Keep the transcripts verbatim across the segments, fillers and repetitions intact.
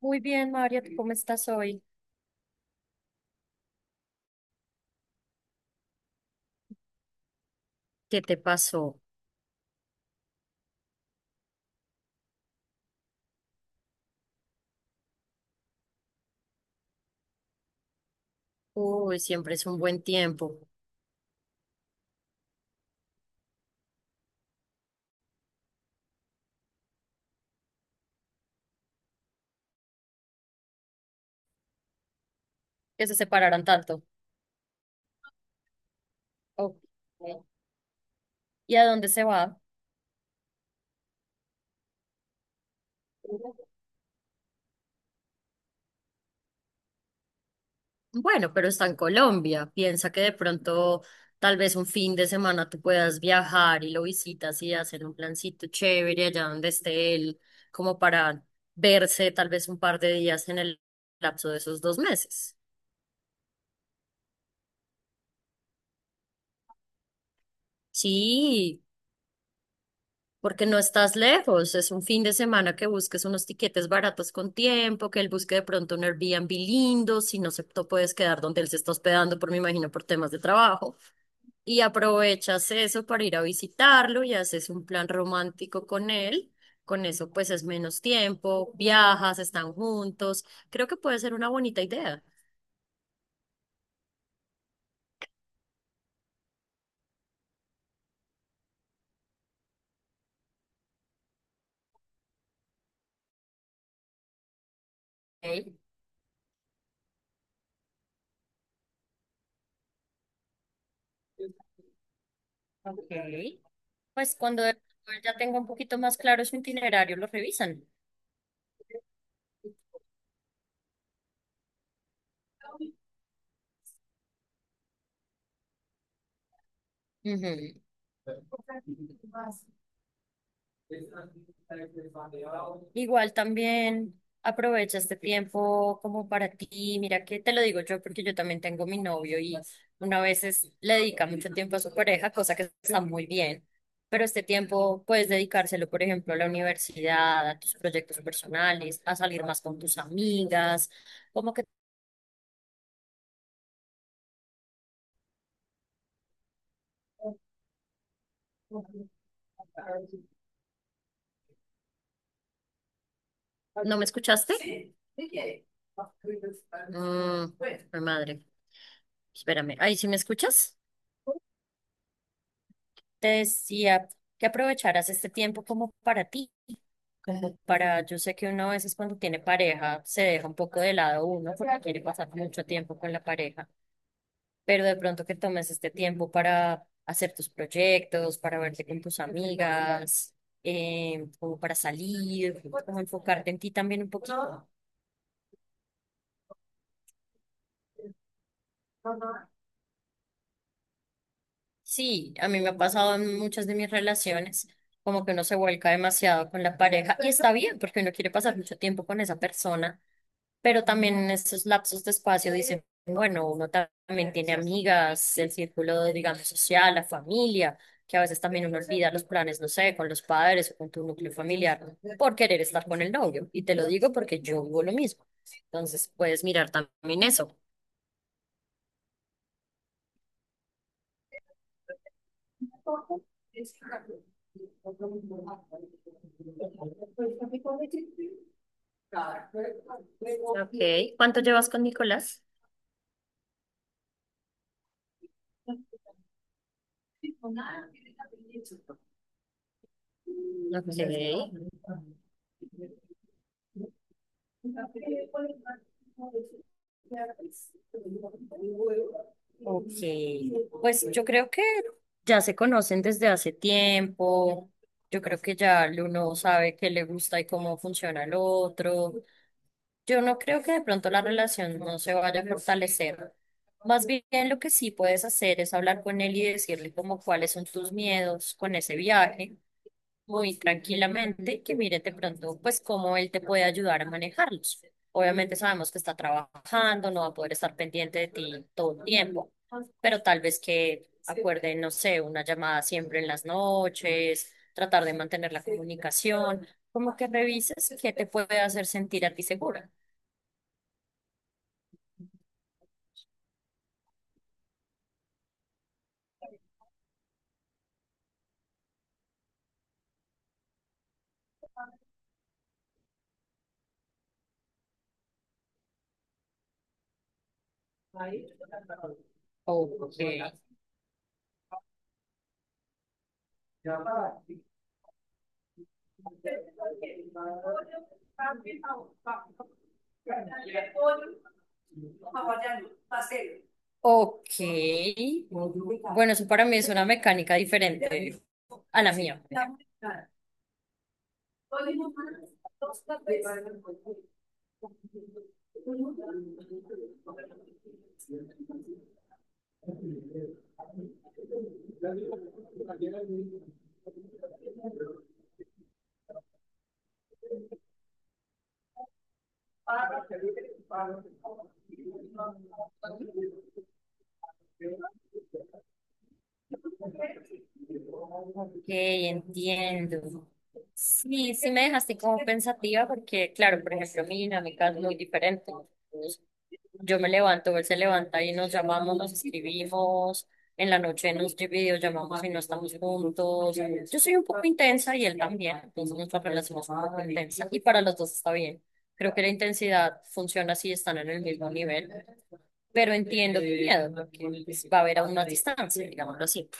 Muy bien, María, ¿tú cómo estás hoy? ¿Qué te pasó? Uy, siempre es un buen tiempo que se separaran tanto. Ok. ¿Y a dónde se va? Bueno, pero está en Colombia. Piensa que de pronto, tal vez un fin de semana tú puedas viajar y lo visitas y hacer un plancito chévere allá donde esté él, como para verse tal vez un par de días en el lapso de esos dos meses. Sí, porque no estás lejos, es un fin de semana que busques unos tiquetes baratos con tiempo, que él busque de pronto un Airbnb lindo, si no se te puedes quedar donde él se está hospedando, por me imagino por temas de trabajo, y aprovechas eso para ir a visitarlo y haces un plan romántico con él. Con eso pues es menos tiempo, viajas, están juntos. Creo que puede ser una bonita idea. Ok, ok. Pues cuando de pronto él ya tenga un poquito más claro su itinerario, lo revisan. Ujú. Igual también aprovecha este tiempo como para ti. Mira que te lo digo yo porque yo también tengo mi novio y una vez es- le dedica mucho tiempo a su pareja, cosa que está muy bien. Pero este tiempo puedes dedicárselo, por ejemplo, a la universidad, a tus proyectos personales, a salir más con tus amigas. ¿Cómo que no me escuchaste? Mm, mi madre, espérame. Ay, ¿sí me escuchas? Te decía que aprovecharas este tiempo como para ti. Para, yo sé que uno a veces cuando tiene pareja se deja un poco de lado uno porque quiere pasar mucho tiempo con la pareja, pero de pronto que tomes este tiempo para hacer tus proyectos, para verte con tus amigas, eh, como para salir, como enfocarte en ti también un poquito. Sí, a mí me ha pasado en muchas de mis relaciones, como que uno se vuelca demasiado con la pareja y está bien porque uno quiere pasar mucho tiempo con esa persona. Pero también en esos lapsos de espacio dicen, bueno, uno ta- también tiene amigas, el círculo, digamos, social, la familia, que a veces también uno olvida los planes, no sé, con los padres o con tu núcleo familiar, por querer estar con el novio. Y te lo digo porque yo vivo lo mismo. Entonces, puedes mirar también eso. Ok, ¿cuánto llevas con Nicolás? Ok. Pues yo creo que ya se conocen desde hace tiempo. Yo creo que ya el uno sabe qué le gusta y cómo funciona el otro. Yo no creo que de pronto la relación no se vaya a fortalecer. Más bien lo que sí puedes hacer es hablar con él y decirle como cuáles son tus miedos con ese viaje, muy tranquilamente, y que mire de pronto pues cómo él te puede ayudar a manejarlos. Obviamente sabemos que está trabajando, no va a poder estar pendiente de ti todo el tiempo, pero tal vez que acuerden, no sé, una llamada siempre en las noches, tratar de mantener la comunicación, como que revises qué te puede hacer sentir a ti segura. Ok. Ok. Bueno, eso para mí es una mecánica diferente a la mía. Ok, entiendo. Sí, sí me dejaste como pensativa porque, claro, por ejemplo, mi dinámica es muy diferente. Yo me levanto, él se levanta y nos llamamos, nos escribimos, en la noche nos videollamamos y no estamos juntos. Yo soy un poco intensa y él también, entonces nuestra relación es un poco intensa y para los dos está bien. Creo que la intensidad funciona si están en el mismo nivel, pero entiendo tu miedo, porque pues, va a haber a una distancia, digámoslo así.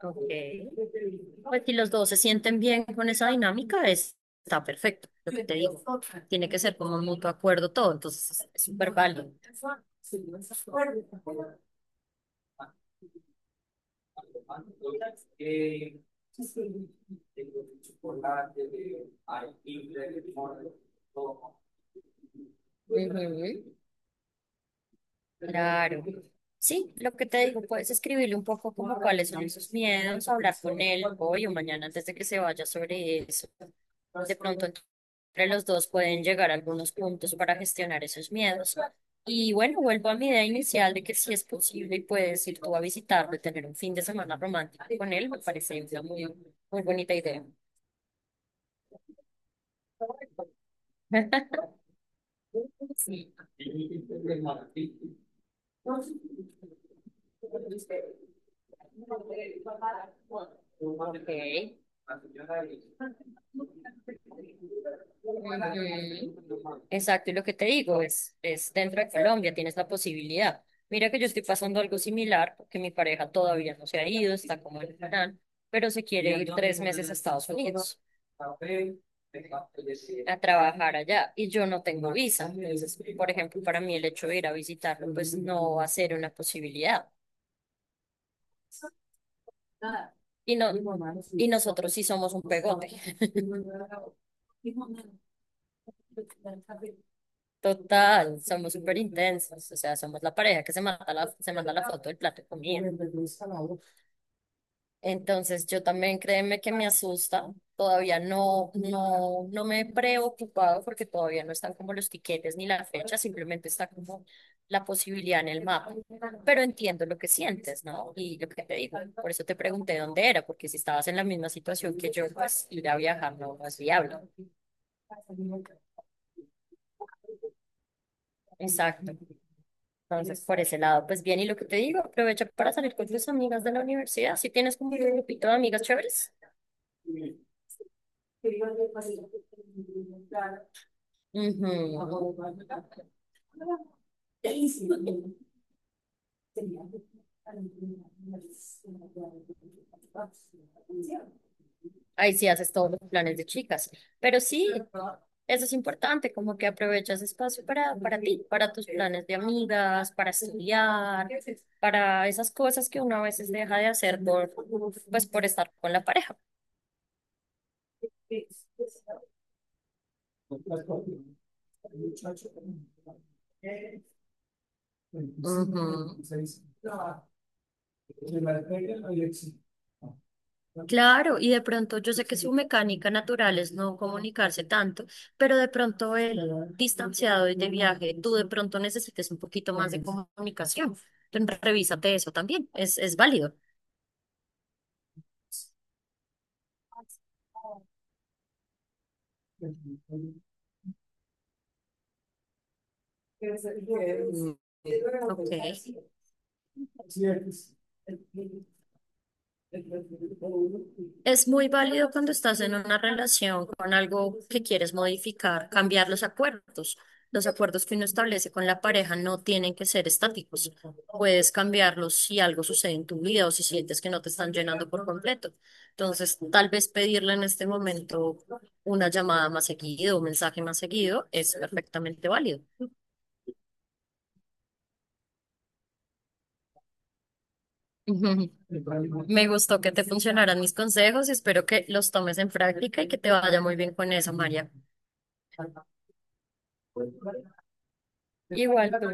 Okay. Pues si los dos se sienten bien con esa dinámica, es- está perfecto, lo que te digo. Tiene que ser como un mutuo acuerdo todo, entonces es súper válido. Claro. Sí, lo que te digo, puedes escribirle un poco como cuáles son sus miedos, hablar con él hoy o mañana antes de que se vaya sobre eso. De pronto entre los dos pueden llegar a algunos puntos para gestionar esos miedos. Y bueno, vuelvo a mi idea inicial de que si es posible y puedes ir tú a visitarlo y tener un fin de semana romántico con él, me parece una muy, muy bonita idea. Sí. Ok. Ujú. Exacto, y lo que te digo es, es dentro de Colombia tienes la posibilidad. Mira que yo estoy pasando algo similar, porque mi pareja todavía no se ha ido, está como en plan, pero se quiere ir tres meses a Estados Unidos a trabajar allá y yo no tengo visa. Entonces, por ejemplo, para mí el hecho de ir a visitarlo, pues no va a ser una posibilidad. Y, no, y nosotros sí somos un pegote. Total, somos súper intensos, o sea, somos la pareja que se mata la, se manda la foto del plato de comida. Entonces, yo también créeme que me asusta, todavía no, no, no me he preocupado porque todavía no están como los tiquetes ni la fecha, simplemente está como la posibilidad en el mapa. Pero entiendo lo que sientes, ¿no? Y lo que te digo, por eso te pregunté dónde era, porque si estabas en la misma situación que yo, pues ir a viajar no no es viable. Exacto. Entonces, por ese lado, pues bien, y lo que te digo, aprovecha para salir con tus amigas de la universidad, si tienes como un grupito de amigas chéveres. Ujú. Ahí sí haces todos los planes de chicas, pero sí, eso es importante, como que aprovechas espacio para, para ti, para tus planes de amigas, para estudiar, para esas cosas que uno a veces deja de hacer por, pues, por estar con la pareja. Ujú. Claro, y de pronto yo sé que su mecánica natural es no comunicarse tanto, pero de pronto el distanciado y de viaje, tú de pronto necesites un poquito más de comunicación. Entonces, revísate eso también, es, es válido. Ok. Es muy válido cuando estás en una relación con algo que quieres modificar, cambiar los acuerdos. Los acuerdos que uno establece con la pareja no tienen que ser estáticos. Puedes cambiarlos si algo sucede en tu vida o si sientes que no te están llenando por completo. Entonces, tal vez pedirle en este momento una llamada más seguido, un mensaje más seguido, es perfectamente válido. Ujú. Me gustó que te funcionaran mis consejos y espero que los tomes en práctica y que te vaya muy bien con eso, María. Igual tú.